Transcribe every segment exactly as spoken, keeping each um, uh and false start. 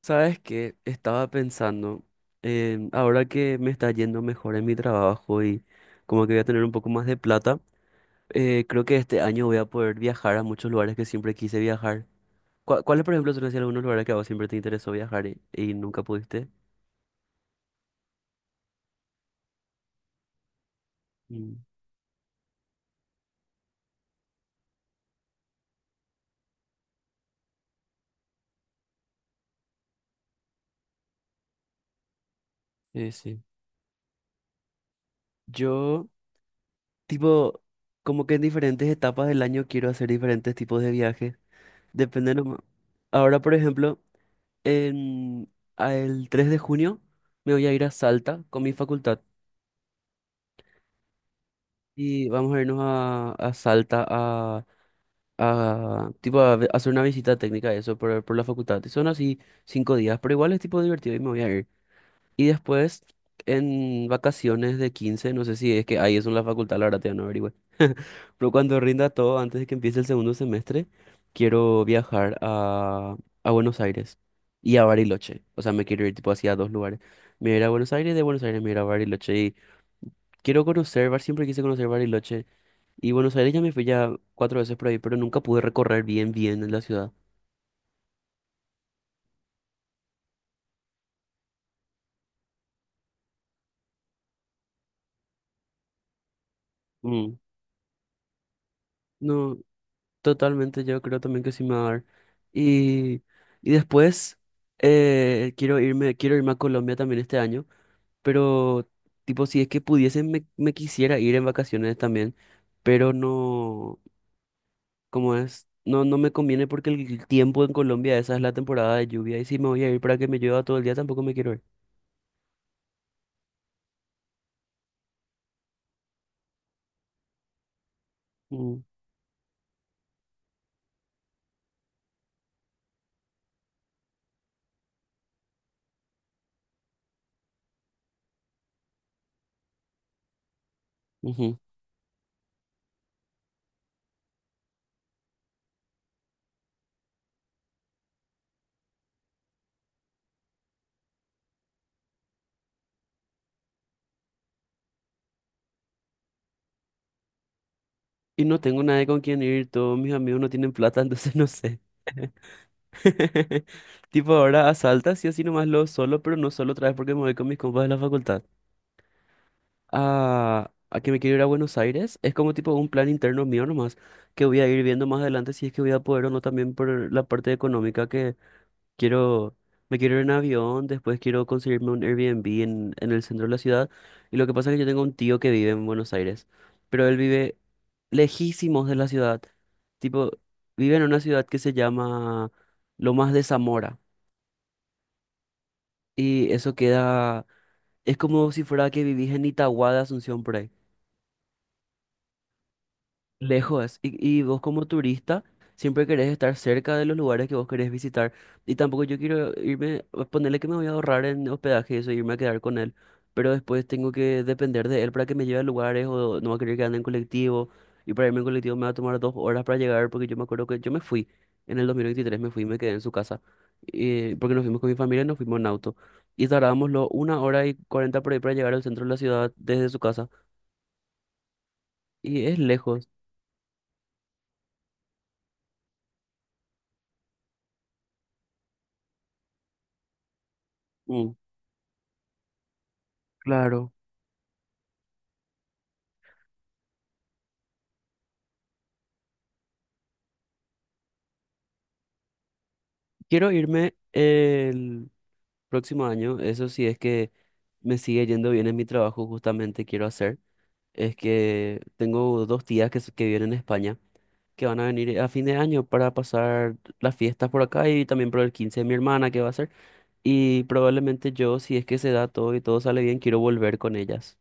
Sabes que estaba pensando, em, ahora que me está yendo mejor en mi trabajo y como que voy a tener un poco más de plata, eh, creo que este año voy a poder viajar a muchos lugares que siempre quise viajar. ¿Cuá- ¿Cuáles, por ejemplo, son así algunos lugares que a vos siempre te interesó viajar y, y nunca pudiste? Mm, sí, sí. Yo, tipo, como que en diferentes etapas del año quiero hacer diferentes tipos de viajes. Depende nomás. Ahora, por ejemplo, en, el tres de junio me voy a ir a Salta con mi facultad. Y vamos a irnos a, a Salta a, a tipo a, ve- hacer una visita técnica, eso, por, por la facultad. Y son así cinco días, pero igual es tipo divertido y me voy a ir. Y después, en vacaciones de quince no sé si es que ahí es en la facultad, la verdad, ya no averigüé. Pero cuando rinda todo, antes de que empiece el segundo semestre, quiero viajar a, a Buenos Aires y a Bariloche. O sea, me quiero ir tipo hacia dos lugares. Me iré a Buenos Aires, de Buenos Aires me iré a Bariloche. Y quiero conocer, Bar- siempre quise conocer Bariloche. Y Buenos Aires ya me fui ya cuatro veces por ahí, pero nunca pude recorrer bien, bien en la ciudad. Mm. No, totalmente, yo creo también que sí me va a dar. Y, y después eh, quiero irme, quiero irme a Colombia también este año, pero tipo, si es que pudiesen me, me quisiera ir en vacaciones también, pero no, ¿como es? No, no me conviene porque el tiempo en Colombia, esa es la temporada de lluvia, y si me voy a ir para que me llueva todo el día, tampoco me quiero ir. Mm. Ujú. Y no tengo nadie con quien ir, todos mis amigos no tienen plata, entonces no sé. Tipo, ahora asaltas y así nomás lo solo, pero no solo otra vez porque me voy con mis compas de la facultad. A, a que me quiero ir a Buenos Aires, es como tipo un plan interno mío nomás, que voy a ir viendo más adelante si es que voy a poder o no también por la parte económica que. Quiero, me quiero ir en avión, después quiero conseguirme un Airbnb en, en el centro de la ciudad. Y lo que pasa es que yo tengo un tío que vive en Buenos Aires, pero él vive lejísimos de la ciudad. Tipo, vive en una ciudad que se llama Lomas de Zamora. Y eso queda, es como si fuera que vivís en Itagua de Asunción por ahí. Lejos, y, y vos como turista siempre querés estar cerca de los lugares que vos querés visitar. Y tampoco yo quiero irme, ponerle que me voy a ahorrar en hospedaje y eso, irme a quedar con él. Pero después tengo que depender de él para que me lleve a lugares o no va a querer que ande en colectivo. Y para irme en colectivo me va a tomar dos horas para llegar porque yo me acuerdo que yo me fui en el dos mil veintitrés me fui y me quedé en su casa. Eh, porque nos fuimos con mi familia y nos fuimos en auto. Y tardábamos lo- una hora y cuarenta por ahí para llegar al centro de la ciudad desde su casa. Y es lejos. Mm, claro. Quiero irme el próximo año, eso sí es que me sigue yendo bien en mi trabajo, justamente quiero hacer, es que tengo dos tías que, s- que viven en España, que van a venir a fin de año para pasar las fiestas por acá y también por el quince de mi hermana que va a ser, y probablemente yo, si es que se da todo y todo sale bien, quiero volver con ellas.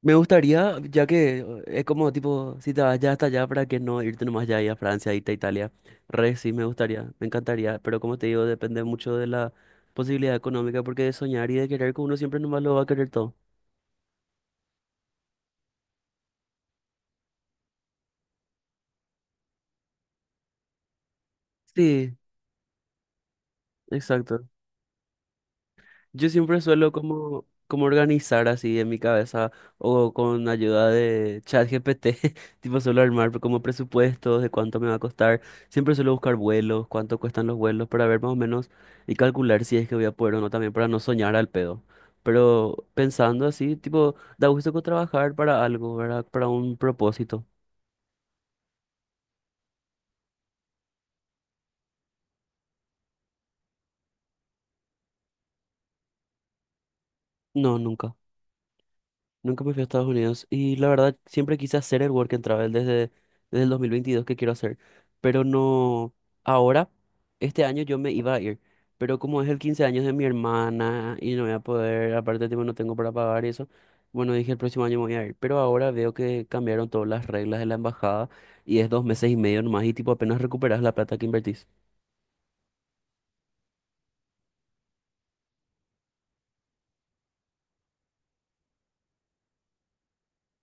Me gustaría, ya que uh, es como tipo, si te vas ya hasta allá, ¿para que no irte nomás ya ahí a Francia, irte a Italia? Re, sí, me gustaría, me encantaría, pero como te digo, depende mucho de la posibilidad económica, porque de soñar y de querer que uno siempre nomás lo va a querer todo. Sí, exacto. Yo siempre suelo como, como organizar así en mi cabeza o con ayuda de ChatGPT, tipo suelo armar como presupuestos de cuánto me va a costar. Siempre suelo buscar vuelos, cuánto cuestan los vuelos para ver más o menos y calcular si es que voy a poder o no también para no soñar al pedo. Pero pensando así, tipo, da gusto co- trabajar para algo, ¿verdad? Para un propósito. No, nunca. Nunca me fui a Estados Unidos y la verdad siempre quise hacer el Work and Travel desde, desde el dos mil veintidós que quiero hacer, pero no ahora, este año yo me iba a ir, pero como es el quince años de mi hermana y no voy a poder, aparte tipo no tengo para pagar y eso, bueno dije el próximo año me voy a ir, pero ahora veo que cambiaron todas las reglas de la embajada y es dos meses y medio nomás y tipo apenas recuperas la plata que invertís.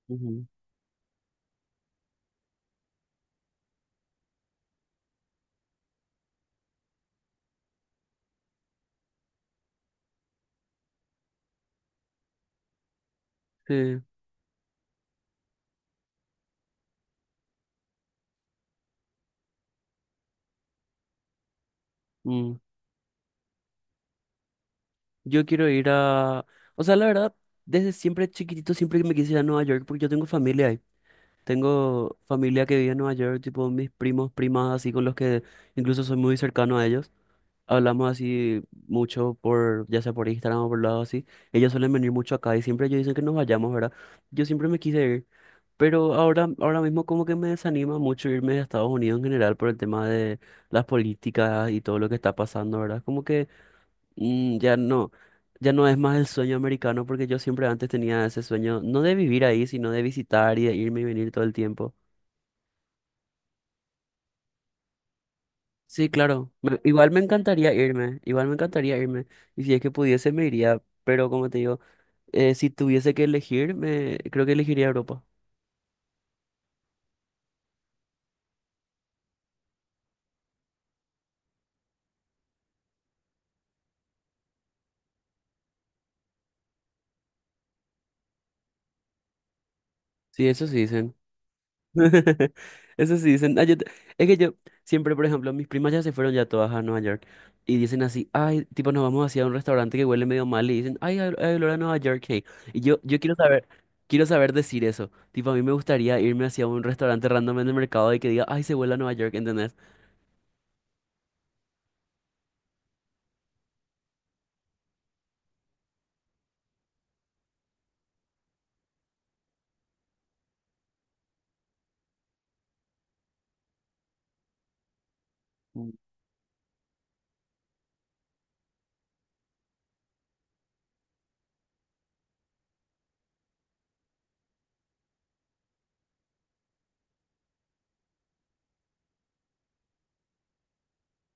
Ujú, sí, mm. Yo quiero ir a. O sea, la verdad, desde siempre chiquitito siempre que me quise ir a Nueva York porque yo tengo familia ahí. Tengo familia que vive en Nueva York, tipo mis primos, primas, así con los que incluso soy muy cercano a ellos. Hablamos así mucho por, ya sea por Instagram o por lado así. Ellos suelen venir mucho acá y siempre ellos dicen que nos vayamos, ¿verdad? Yo siempre me quise ir, pero ahora, ahora mismo como que me desanima mucho irme a Estados Unidos en general por el tema de las políticas y todo lo que está pasando, ¿verdad? Como que mm, ya no. Ya no es más el sueño americano porque yo siempre antes tenía ese sueño, no de vivir ahí, sino de visitar y de irme y venir todo el tiempo. Sí, claro. Me- Igual me encantaría irme, igual me encantaría irme. Y si es que pudiese, me iría. Pero como te digo, eh, si tuviese que elegir, me... creo que elegiría Europa. Sí, eso sí dicen. Eso sí dicen. Ah, yo te- es que yo siempre, por ejemplo, mis primas ya se fueron ya todas a Nueva York. Y dicen así, ay, tipo, nos vamos hacia un restaurante que huele medio mal. Y dicen, ay, hay hay olor a Nueva York, hey. Y yo, yo quiero saber, quiero saber decir eso. Tipo, a mí me gustaría irme hacia un restaurante random en el mercado y que diga, ay, se huele a Nueva York, ¿entendés? Mm,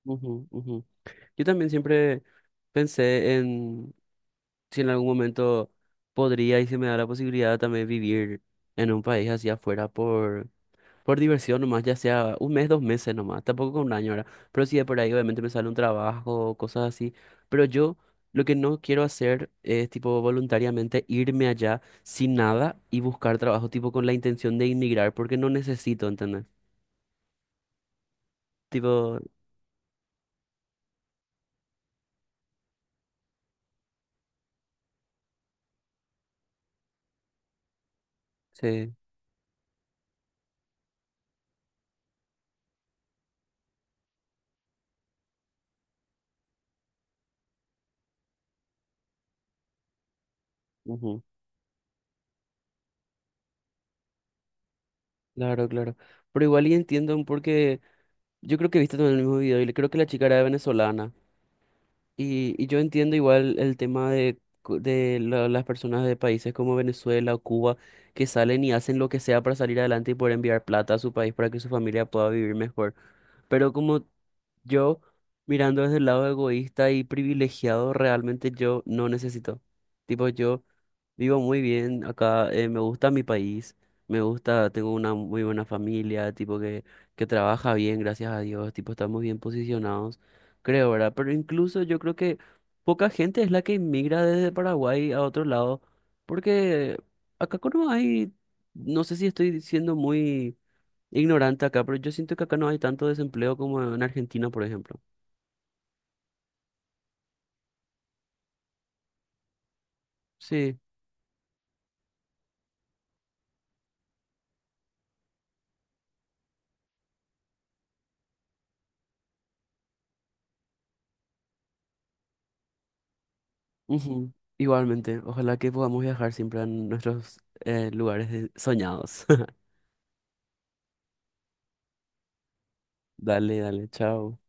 ujú, ujú. Yo también siempre pensé en si en algún momento podría y se me da la posibilidad también vivir en un país hacia afuera por, por diversión nomás, ya sea un mes, dos meses nomás, tampoco con un año ahora, pero sí de por ahí obviamente me sale un trabajo, cosas así, pero yo lo que no quiero hacer es tipo voluntariamente irme allá sin nada y buscar trabajo tipo con la intención de inmigrar porque no necesito, ¿entendés? Tipo, sí, ujú, claro, claro. Pero igual y entiendo porque yo creo que viste también el mismo video y le creo que la chica era venezolana. Y, y yo entiendo igual el tema de, cu- de la- las personas de países como Venezuela o Cuba que salen y hacen lo que sea para salir adelante y poder enviar plata a su país para que su familia pueda vivir mejor. Pero como yo, mirando desde el lado egoísta y privilegiado, realmente yo no necesito. Tipo, yo. Vivo muy bien acá, eh, me gusta mi país, me gusta, tengo una muy buena familia, tipo que, que trabaja bien, gracias a Dios, tipo estamos bien posicionados, creo, ¿verdad? Pero incluso yo creo que poca gente es la que inmigra desde Paraguay a otro lado, porque acá co- no hay, no sé si estoy siendo muy ignorante acá, pero yo siento que acá no hay tanto desempleo como en Argentina, por ejemplo. Sí. Ujú. Igualmente, ojalá que podamos viajar siempre a nuestros eh, lugares de- soñados. Dale, dale, chao.